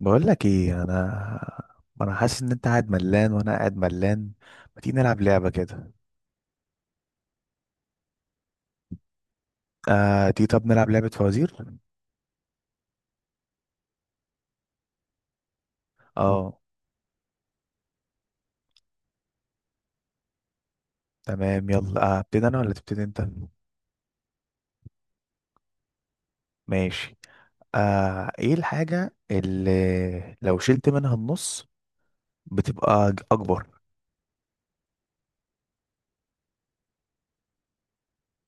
بقول لك ايه. انا حاسس ان انت قاعد ملان وانا قاعد ملان. ما تيجي نلعب لعبه كده؟ آه تيجي، طب نلعب لعبه فوازير. اه، تمام يلا. ابتدي انا ولا تبتدي انت؟ ماشي. آه، ايه الحاجه اللي لو شلت منها النص بتبقى اكبر؟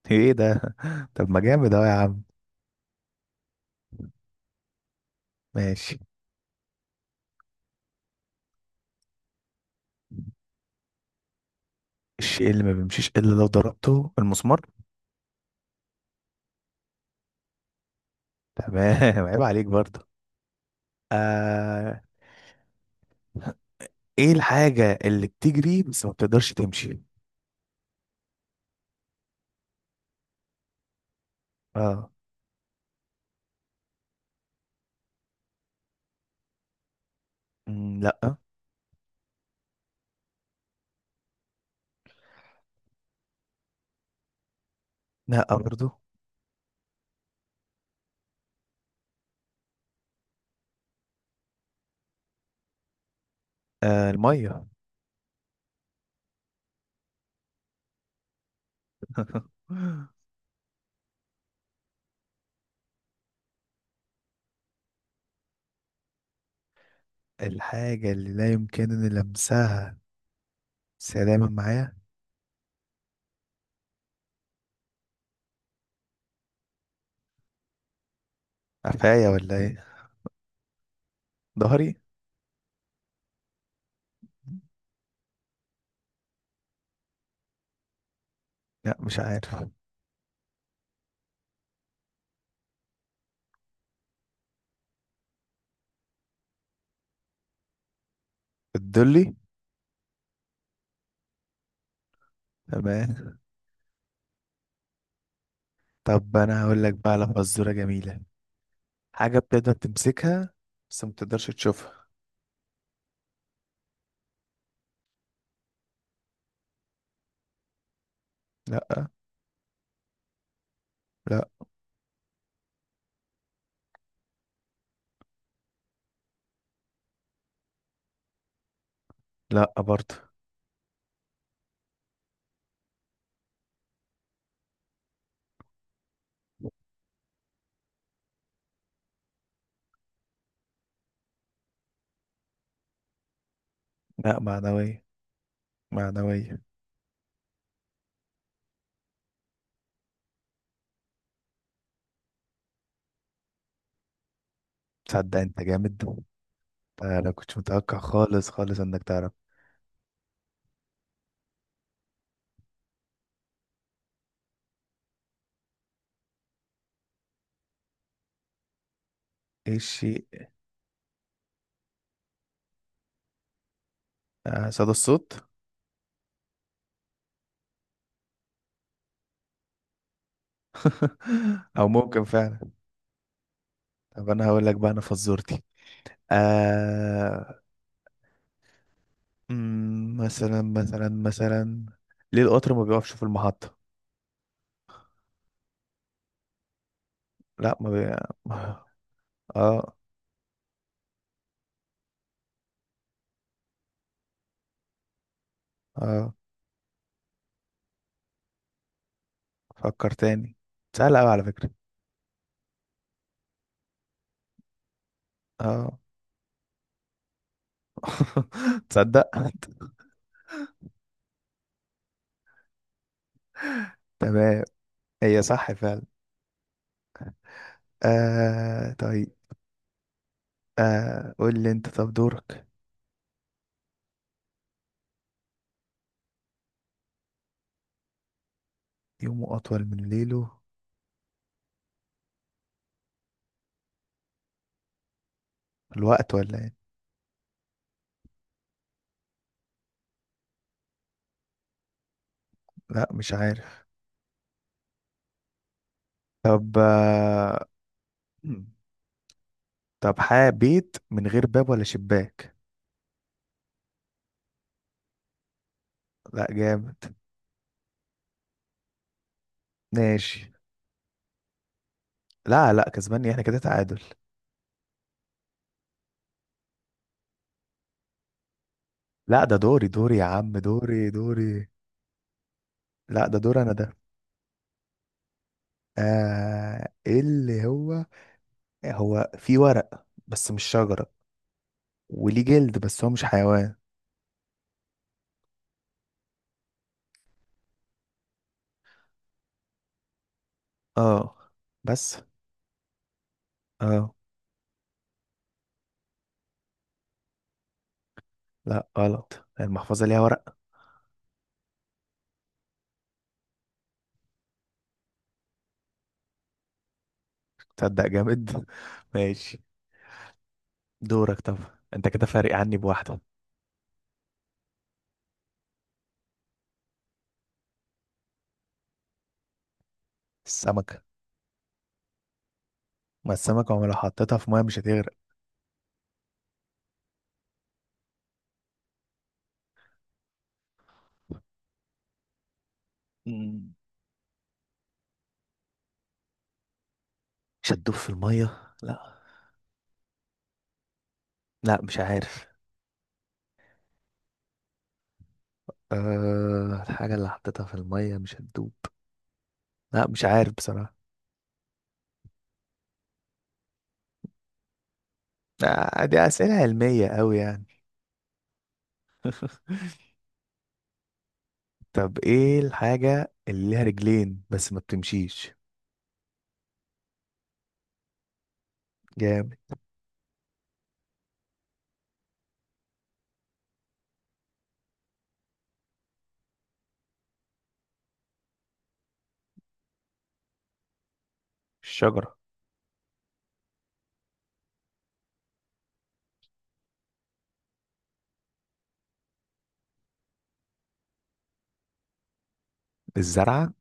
ايه ده؟ طب ما جامد اهو يا عم. ماشي. الشيء اللي ما بيمشيش الا لو ضربته، المسمار. تمام عيب عليك برضه. آه، ايه الحاجه اللي بتجري بس ما بتقدرش تمشي؟ اه. لا. لا برضو. آه، المية. الحاجة اللي لا يمكنني لمسها، بس هي دايما معايا. قفايا ولا ايه؟ ظهري. لا مش عارف. الدلي. تمام. طب انا هقول لك بقى على فزورة جميلة. حاجة بتقدر تمسكها بس ما تقدرش تشوفها. لا. لا. لا برضو. لا، معنوية. معنوية. تصدق انت جامد؟ انا كنت متوقع خالص انك تعرف. ايه الشيء؟ آه، صدى الصوت. او ممكن فعلا. طب انا هقول لك بقى انا فزورتي. آه. مثلا، ليه القطر ما بيقفش في المحطة؟ لا ما بي... اه. اه. فكر تاني، سهلة قوي على فكرة. اه. تصدق. تمام. هي صح فعلا. آه طيب. آه قول لي انت، طب دورك. يومه اطول من ليله، الوقت ولا ايه؟ لا مش عارف. طب، طب حاب بيت من غير باب ولا شباك. لا جامد. ماشي. لا لا، كسباني احنا، كده تعادل. لا ده دوري يا عم، دوري. لا ده دور انا ده. آه، إيه اللي هو، هو في ورق بس مش شجرة، وليه جلد بس هو مش حيوان. اه. بس. اه. لا غلط، المحفظة ليها ورق. تصدق جامد ماشي. دورك طب. انت كده فارق عني بواحدة. السمكة. ما السمكة عمرها لو حطيتها في مية مش هتغرق. مش هتدوب في المية. لا. لا مش عارف. أه الحاجة اللي حطيتها في المية مش هتدوب. لا مش عارف بصراحة. آه، دي أسئلة علمية أوي يعني. طب ايه الحاجة اللي ليها رجلين بس ما بتمشيش؟ جامد. الشجرة. الزرعة.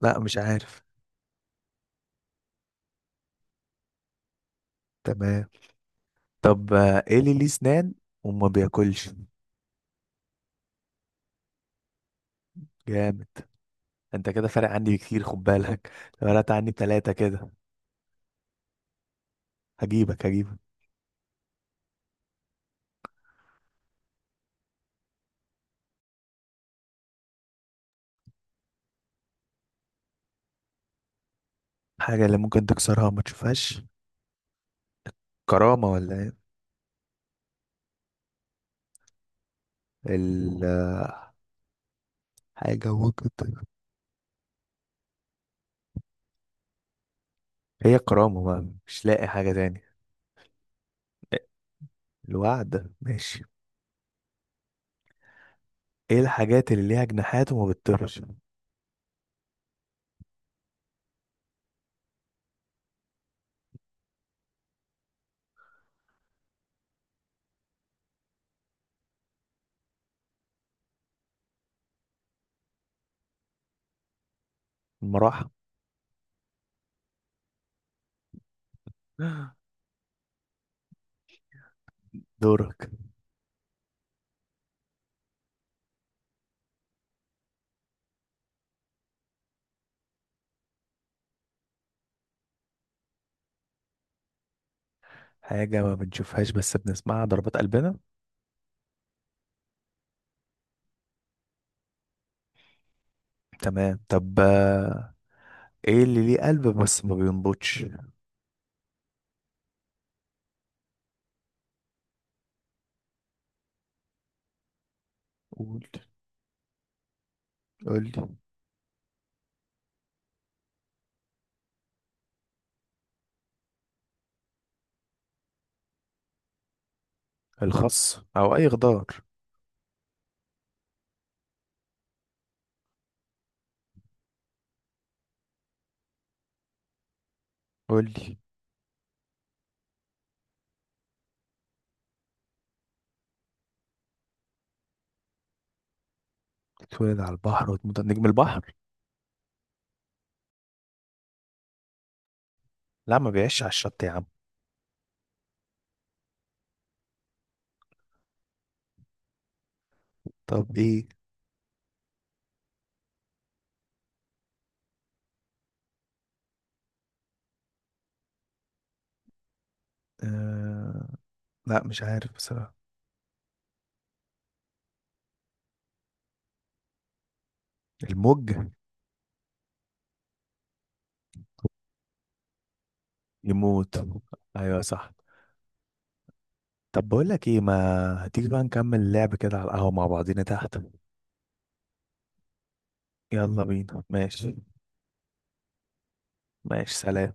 لا مش عارف. تمام. طب آه، ايه اللي ليه سنان وما بياكلش؟ جامد. انت كده فارق عني كتير، خد بالك لو فرقت عني بتلاتة كده. هجيبك، هجيبك. حاجة اللي ممكن تكسرها وما تشوفهاش، كرامة ولا ايه؟ حاجة وجدت. هي كرامة بقى، مش لاقي حاجة تاني. الوعد، ماشي. ايه الحاجات اللي ليها جناحات وما بتطيرش؟ المراحة. دورك. حاجة ما بنشوفهاش بس بنسمعها، ضربات قلبنا. تمام. طب آه، ايه اللي ليه قلب بس ما بينبضش؟ قول، قول لي. الخس او اي خضار. قول لي. اتولد على البحر وتموت على نجم البحر. لا ما بيعيش على الشط يا عم. طب ايه؟ آه... لا مش عارف بصراحة. الموج. يموت. ايوه صح. طب بقول لك ايه، ما هتيجي بقى نكمل اللعب كده على القهوة مع بعضينا تحت؟ يلا بينا ماشي. ماشي سلام.